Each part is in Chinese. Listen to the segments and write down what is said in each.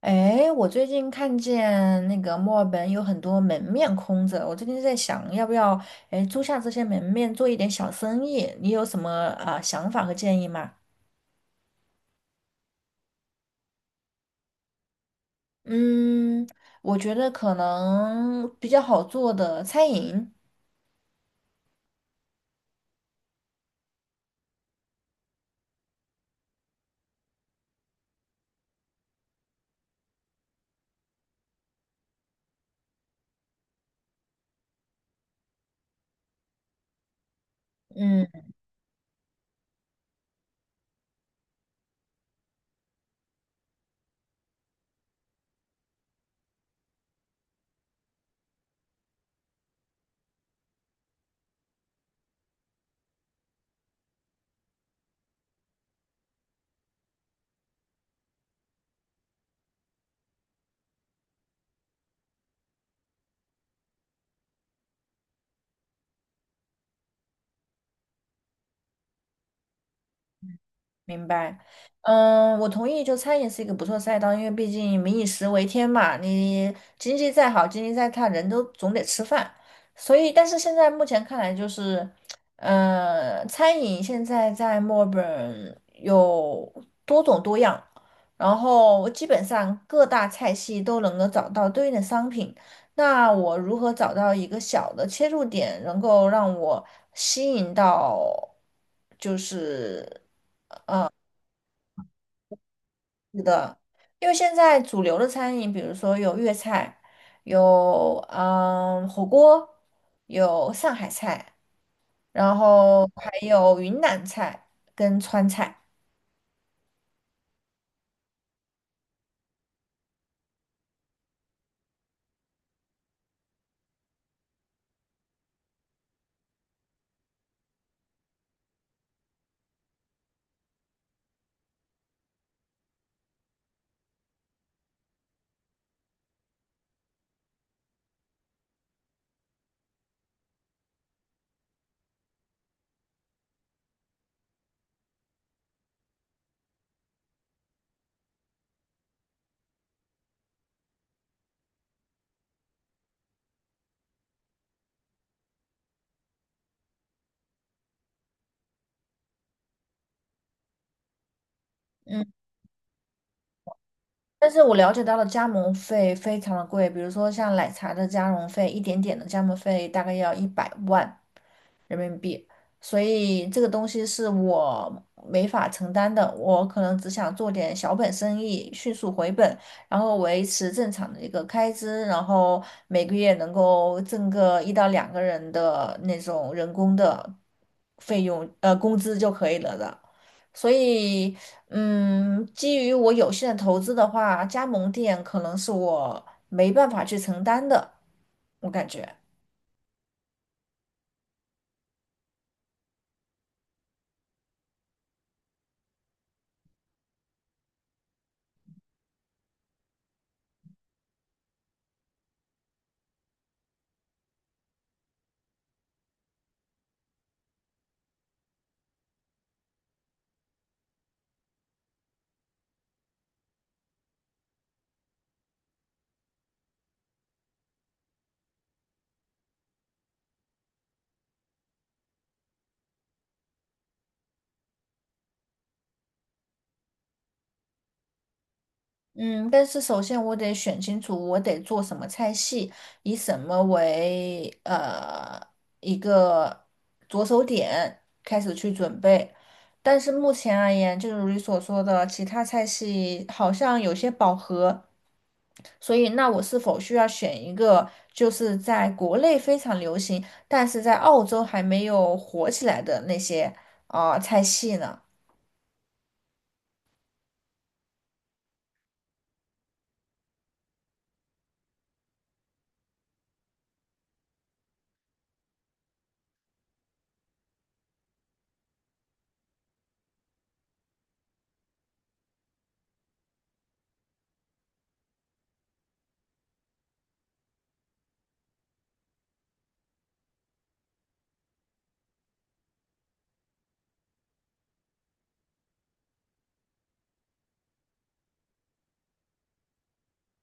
哎，我最近看见那个墨尔本有很多门面空着，我最近在想要不要租下这些门面做一点小生意，你有什么想法和建议吗？嗯，我觉得可能比较好做的餐饮。嗯。明白，嗯，我同意，就餐饮是一个不错赛道，因为毕竟民以食为天嘛，你经济再好，经济再差，人都总得吃饭。所以，但是现在目前看来，就是，餐饮现在在墨尔本有多种多样，然后基本上各大菜系都能够找到对应的商品。那我如何找到一个小的切入点，能够让我吸引到，就是。因为现在主流的餐饮，比如说有粤菜，有火锅，有上海菜，然后还有云南菜跟川菜。嗯，但是我了解到的加盟费非常的贵，比如说像奶茶的加盟费，一点点的加盟费大概要100万。人民币，所以这个东西是我没法承担的。我可能只想做点小本生意，迅速回本，然后维持正常的一个开支，然后每个月能够挣个1到2个人的那种人工的费用，工资就可以了的。所以，嗯，基于我有限的投资的话，加盟店可能是我没办法去承担的，我感觉。嗯，但是首先我得选清楚我得做什么菜系，以什么为一个着手点开始去准备。但是目前而言，就如你所说的，其他菜系好像有些饱和，所以那我是否需要选一个就是在国内非常流行，但是在澳洲还没有火起来的那些菜系呢？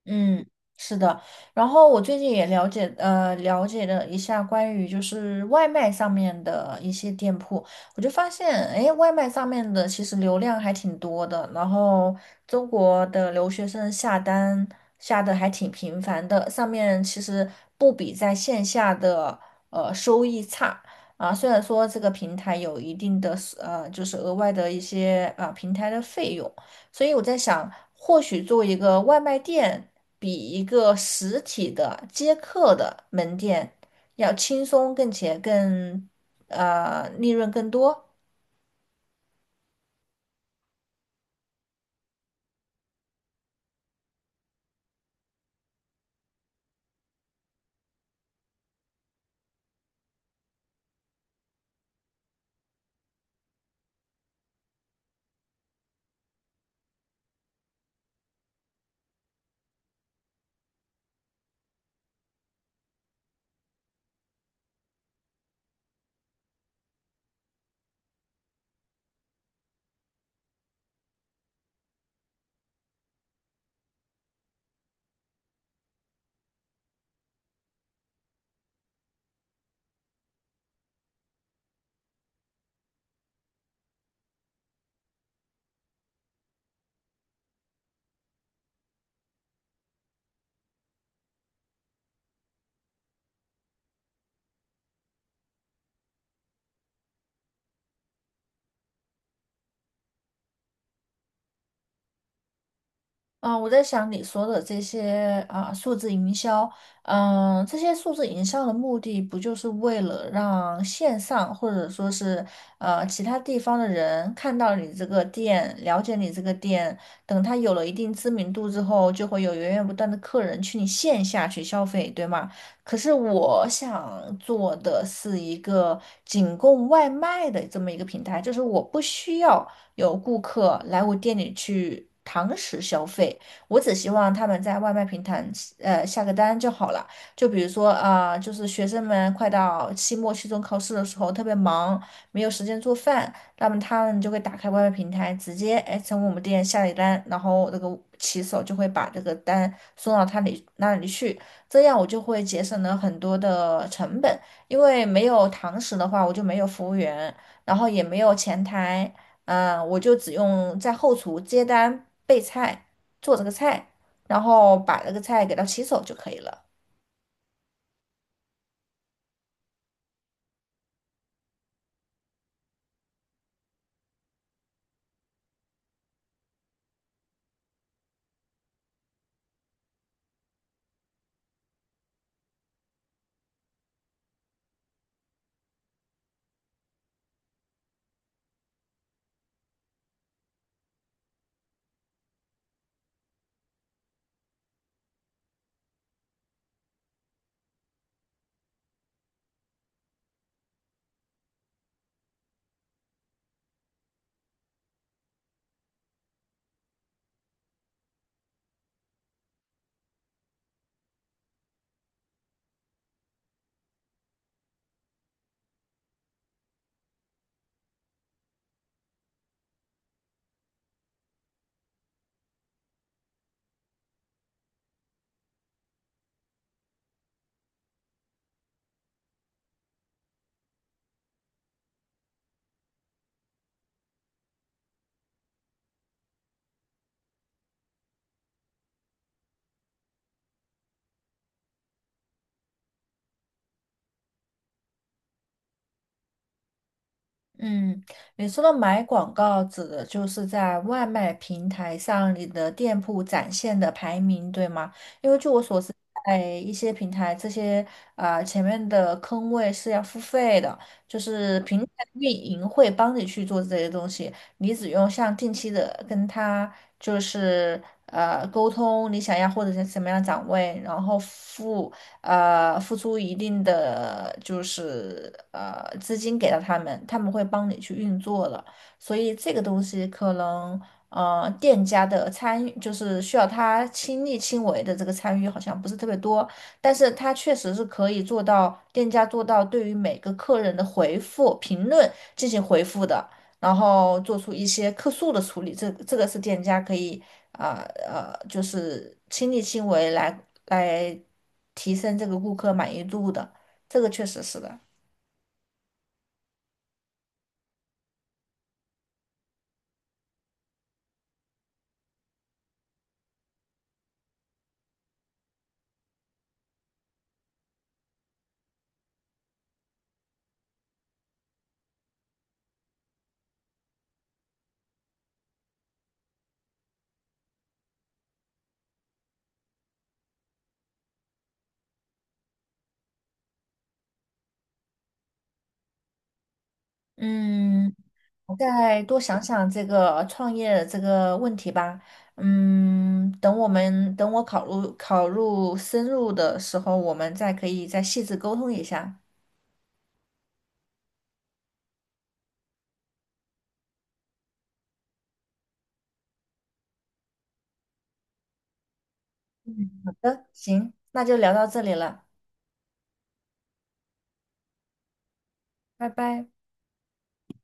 嗯，是的。然后我最近也了解，了一下关于就是外卖上面的一些店铺，我就发现，哎，外卖上面的其实流量还挺多的。然后中国的留学生下单下的还挺频繁的，上面其实不比在线下的收益差。啊，虽然说这个平台有一定的就是额外的一些平台的费用，所以我在想，或许作为一个外卖店。比一个实体的接客的门店要轻松，并且利润更多。我在想你说的这些数字营销，这些数字营销的目的不就是为了让线上或者说是其他地方的人看到你这个店，了解你这个店，等他有了一定知名度之后，就会有源源不断的客人去你线下去消费，对吗？可是我想做的是一个仅供外卖的这么一个平台，就是我不需要。有顾客来我店里去堂食消费，我只希望他们在外卖平台下个单就好了。就比如说就是学生们快到期末、期中考试的时候特别忙，没有时间做饭，那么他们就会打开外卖平台，直接哎从我们店下一单，然后那个骑手就会把这个单送到他里那里去，这样我就会节省了很多的成本。因为没有堂食的话，我就没有服务员，然后也没有前台，嗯，我就只用在后厨接单、备菜、做这个菜，然后把这个菜给它洗手就可以了。嗯，你说的买广告指的就是在外卖平台上你的店铺展现的排名，对吗？因为据我所知，在一些平台，这些前面的坑位是要付费的，就是平台运营会帮你去做这些东西，你只用像定期的跟他就是沟通你想要或者是什么样的展位，然后付出一定的就是资金给到他们，他们会帮你去运作了。所以这个东西可能店家的参与，就是需要他亲力亲为的这个参与好像不是特别多，但是他确实是可以做到店家做到对于每个客人的回复评论进行回复的。然后做出一些客诉的处理，这个是店家可以就是亲力亲为来提升这个顾客满意度的，这个确实是的。嗯，我再多想想这个创业这个问题吧。嗯，等我考入深入的时候，我们再可以再细致沟通一下。好的，行，那就聊到这里了，拜拜。